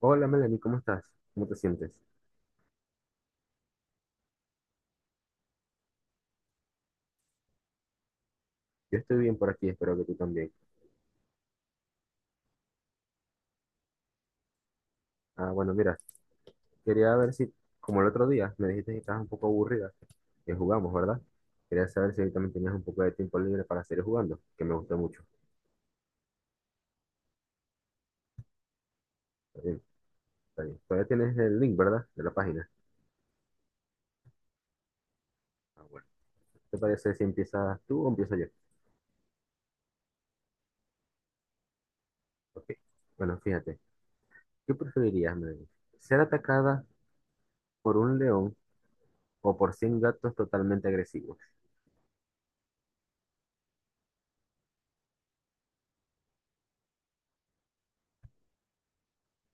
Hola Melanie, ¿cómo estás? ¿Cómo te sientes? Yo estoy bien por aquí, espero que tú también. Bueno, mira, quería ver si, como el otro día, me dijiste que estabas un poco aburrida, que jugamos, ¿verdad? Quería saber si hoy también tenías un poco de tiempo libre para seguir jugando, que me gustó mucho. Está bien, está bien. Todavía tienes el link, ¿verdad? De la página. Bueno. ¿Te parece si empiezas tú o empiezo yo? Ok. Bueno, fíjate, ¿qué preferirías, Melanie? ¿Ser atacada por un león o por 100 gatos totalmente agresivos?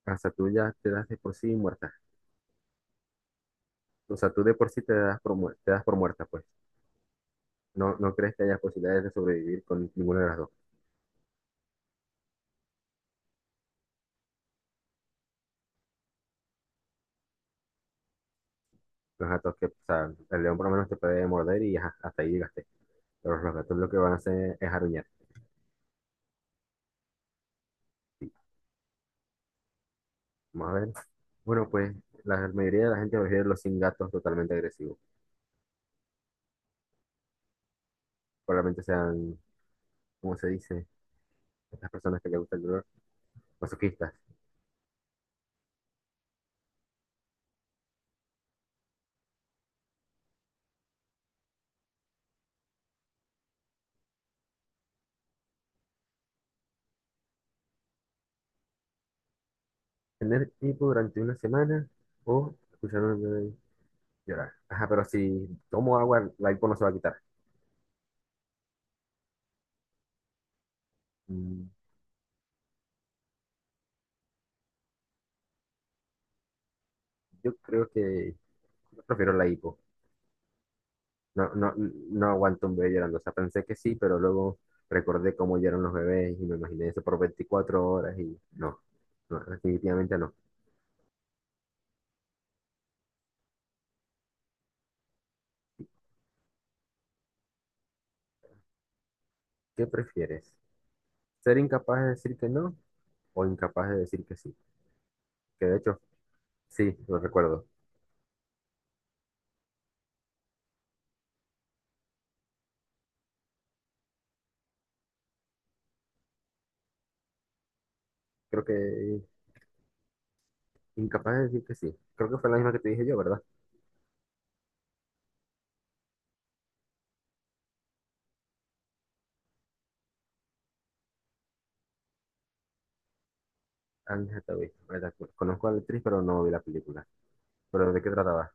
Hasta tú ya te das de por sí muerta. O sea, tú de por sí te das por, te das por muerta, pues. No, no crees que haya posibilidades de sobrevivir con ninguna de las dos. Los gatos que, o sea, el león por lo menos te puede morder y ajá, hasta ahí llegaste. Pero los gatos lo que van a hacer es aruñar. Sí. Vamos a ver. Bueno, pues la mayoría de la gente prefiere los sin gatos totalmente agresivos. Probablemente sean, ¿cómo se dice? Estas personas que les gusta el dolor, masoquistas. Tener hipo durante una semana o escuchar un bebé llorar. Ajá, pero si tomo agua, la hipo no se va a quitar. Mm, Yo creo que prefiero la hipo. No, no, no aguanto un bebé llorando. O sea, pensé que sí, pero luego recordé cómo lloran los bebés y me imaginé eso por 24 horas y no, no, definitivamente no. ¿Qué prefieres? ¿Ser incapaz de decir que no o incapaz de decir que sí? Que de hecho, sí, lo recuerdo. Creo que incapaz de decir que sí. Creo que fue la misma que te dije yo, ¿verdad? Anne Hathaway, ¿verdad? Conozco a la actriz, pero no vi la película. ¿Pero de qué trataba?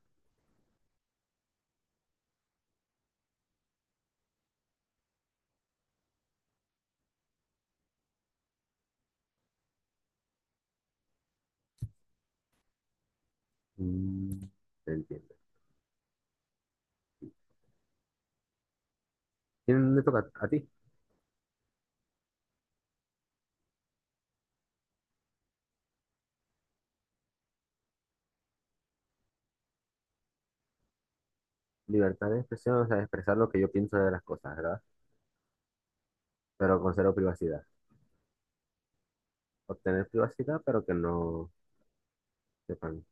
Mm, te entiendo. ¿Quién le toca a ti? Libertad de expresión, o sea, expresar lo que yo pienso de las cosas, ¿verdad? Pero con cero privacidad. Obtener privacidad, pero que no sepan.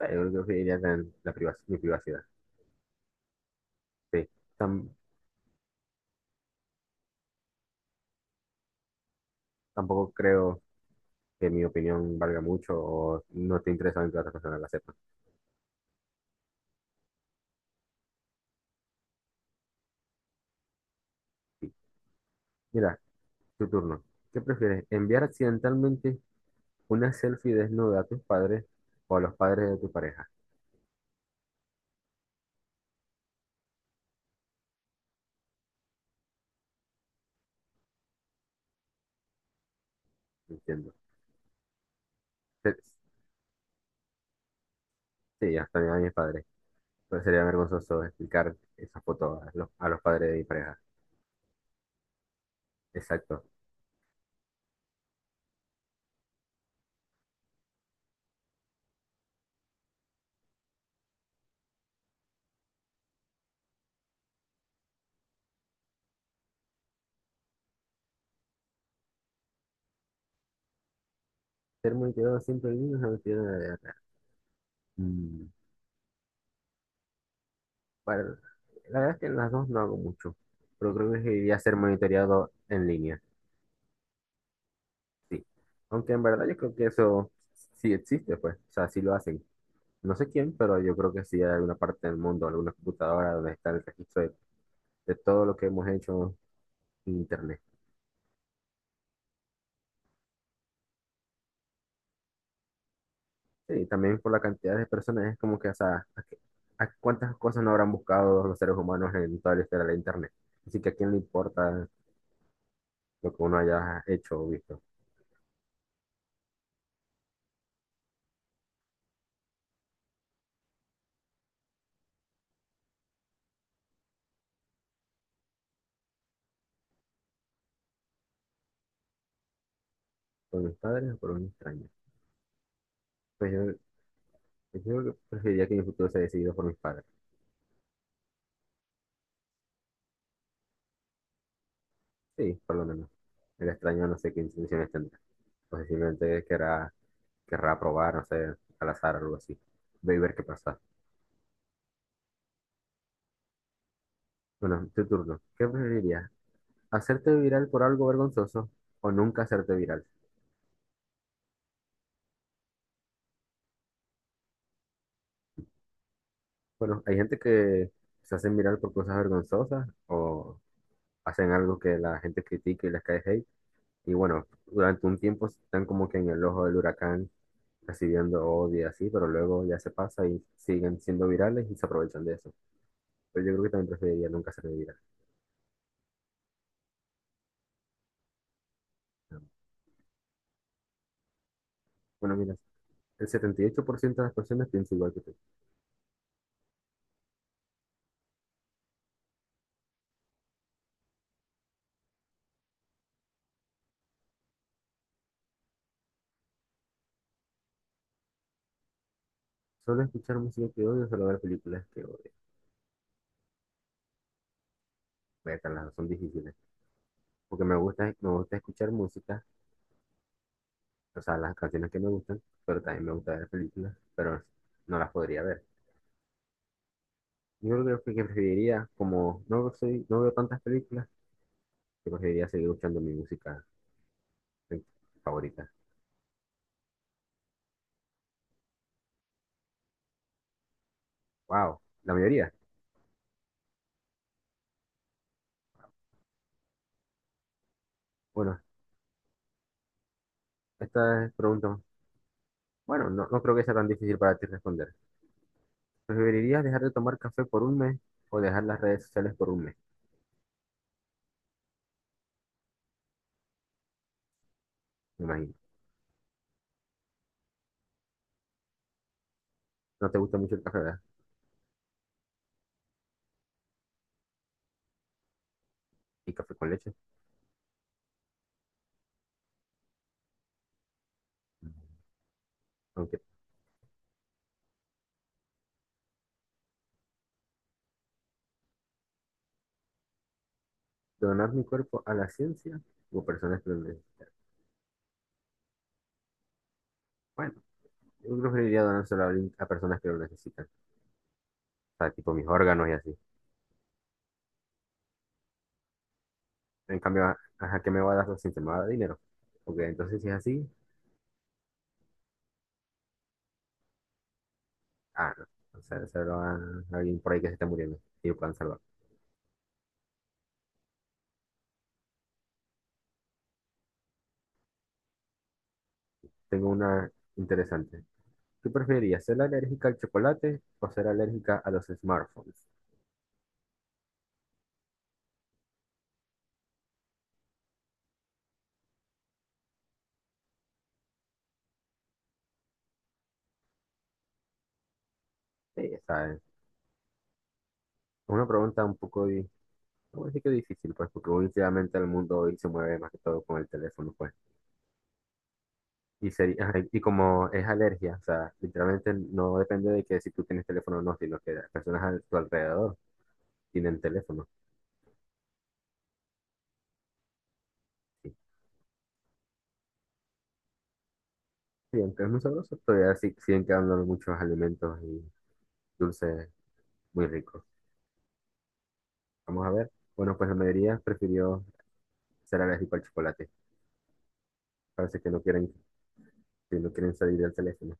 Yo creo que iría con la mi privacidad. Sí. Tam- Tampoco creo que mi opinión valga mucho o no esté interesado en que otras personas la sepan. Sí. Mira, tu turno. ¿Qué prefieres? ¿Enviar accidentalmente una selfie desnuda a tus padres o a los padres de tu pareja? Entiendo. Se- Sí, hasta a mis padres. Pero sería vergonzoso explicar esa foto a los padres de mi pareja. Exacto. Ser multidón siempre el mismo es multidón de la vida real. Mm, Para- la verdad es que en las dos no hago mucho, pero creo que debería ser monitoreado en línea, sí. Aunque en verdad yo creo que eso sí existe, pues, o sea, sí lo hacen. No sé quién, pero yo creo que sí hay alguna parte del mundo, alguna computadora donde está el registro de todo lo que hemos hecho en Internet. Sí, también por la cantidad de personas, es como que, o sea, ¿a, a cuántas cosas no habrán buscado los seres humanos en toda la historia de Internet? Así que a quién le importa lo que uno haya hecho o visto por mis padres o por un extraño. Pues yo, pues yo preferiría que mi futuro sea decidido por mis padres. Sí, por lo menos. El extraño no sé qué intenciones tendrá. O sea, simplemente querrá, querrá probar, no sé, al azar o algo así. Ve y ver qué pasa. Bueno, tu turno. ¿Qué preferirías? ¿Hacerte viral por algo vergonzoso o nunca hacerte viral? Bueno, hay gente que se hacen viral por cosas vergonzosas o hacen algo que la gente critique y les cae hate. Y bueno, durante un tiempo están como que en el ojo del huracán recibiendo odio y así, pero luego ya se pasa y siguen siendo virales y se aprovechan de eso. Pero yo creo que también preferiría nunca ser viral. Bueno, mira, el 78% de las personas piensa igual que tú. Solo escuchar música que odio, solo ver películas que odio. Vete, las dos son difíciles. Porque me gusta escuchar música, o sea, las canciones que me gustan, pero también me gusta ver películas, pero no las podría ver. Yo creo que preferiría, como no soy, no veo tantas películas, que preferiría seguir escuchando mi música eh, favorita. Wow, la mayoría. Bueno, esta es pregunta. Bueno, no, no creo que sea tan difícil para ti responder. ¿Preferirías dejar de tomar café por un mes o dejar las redes sociales por un mes? Me imagino. No te gusta mucho el café, ¿verdad? Y café con leche. Aunque donar mi cuerpo a la ciencia o personas que lo necesitan. Bueno, yo preferiría donárselo a, a personas que lo necesitan. O sea, tipo mis órganos y así. En cambio, ¿a qué me va a dar la ciencia? ¿Me va a dar dinero? Porque entonces si es así, ah, no. O sea, se lo a alguien por ahí que se está muriendo y lo puedan salvar. Tengo una interesante. ¿Qué preferirías, ser alérgica al chocolate o ser alérgica a los smartphones? Sí, esa es una pregunta un poco, no voy a decir que difícil, pues, porque últimamente el mundo hoy se mueve más que todo con el teléfono, pues. Y, sería, ajá, y como es alergia, o sea, literalmente no depende de que si tú tienes teléfono o no, sino que las personas a tu alrededor tienen teléfono. Sí, sí, aunque es muy sabroso, todavía siguen quedando muchos alimentos y dulces muy ricos. Vamos a ver. Bueno, pues la mayoría prefirió ser alérgico al chocolate. Parece que no quieren si no quieren salir del teléfono.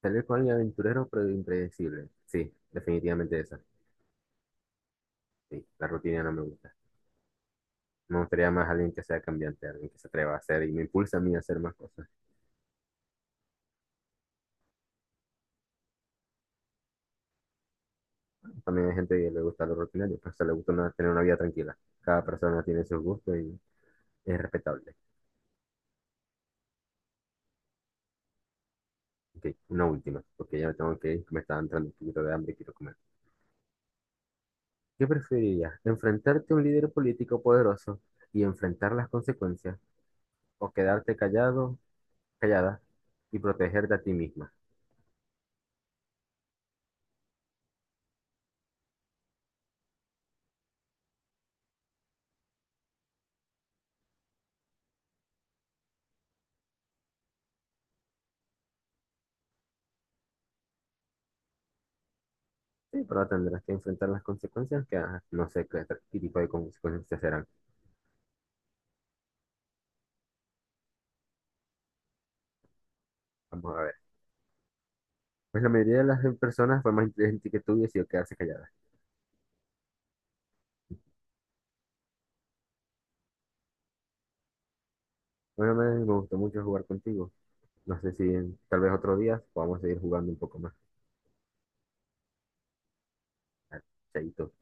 Salir con alguien aventurero, pero impredecible. Sí, definitivamente esa. Sí, la rutina no me gusta. Me gustaría más alguien que sea cambiante, alguien que se atreva a hacer y me impulsa a mí a hacer más cosas. También hay gente que le gusta lo rutinario, pero se le gusta tener una vida tranquila. Cada persona tiene sus gustos y es respetable. Ok, una última, porque ya me tengo que ir, que me está entrando un poquito de hambre y quiero comer. ¿Qué preferirías? ¿Enfrentarte a un líder político poderoso y enfrentar las consecuencias o quedarte callado, callada y protegerte a ti misma? Sí, pero tendrás que enfrentar las consecuencias que ah, no sé qué, qué tipo de consecuencias serán. Vamos a ver. Pues la mayoría de las personas fue más inteligente que tú y decidió quedarse callada. Bueno, Melanie, me gustó mucho jugar contigo. No sé si tal vez otro día podamos seguir jugando un poco más. Chaito.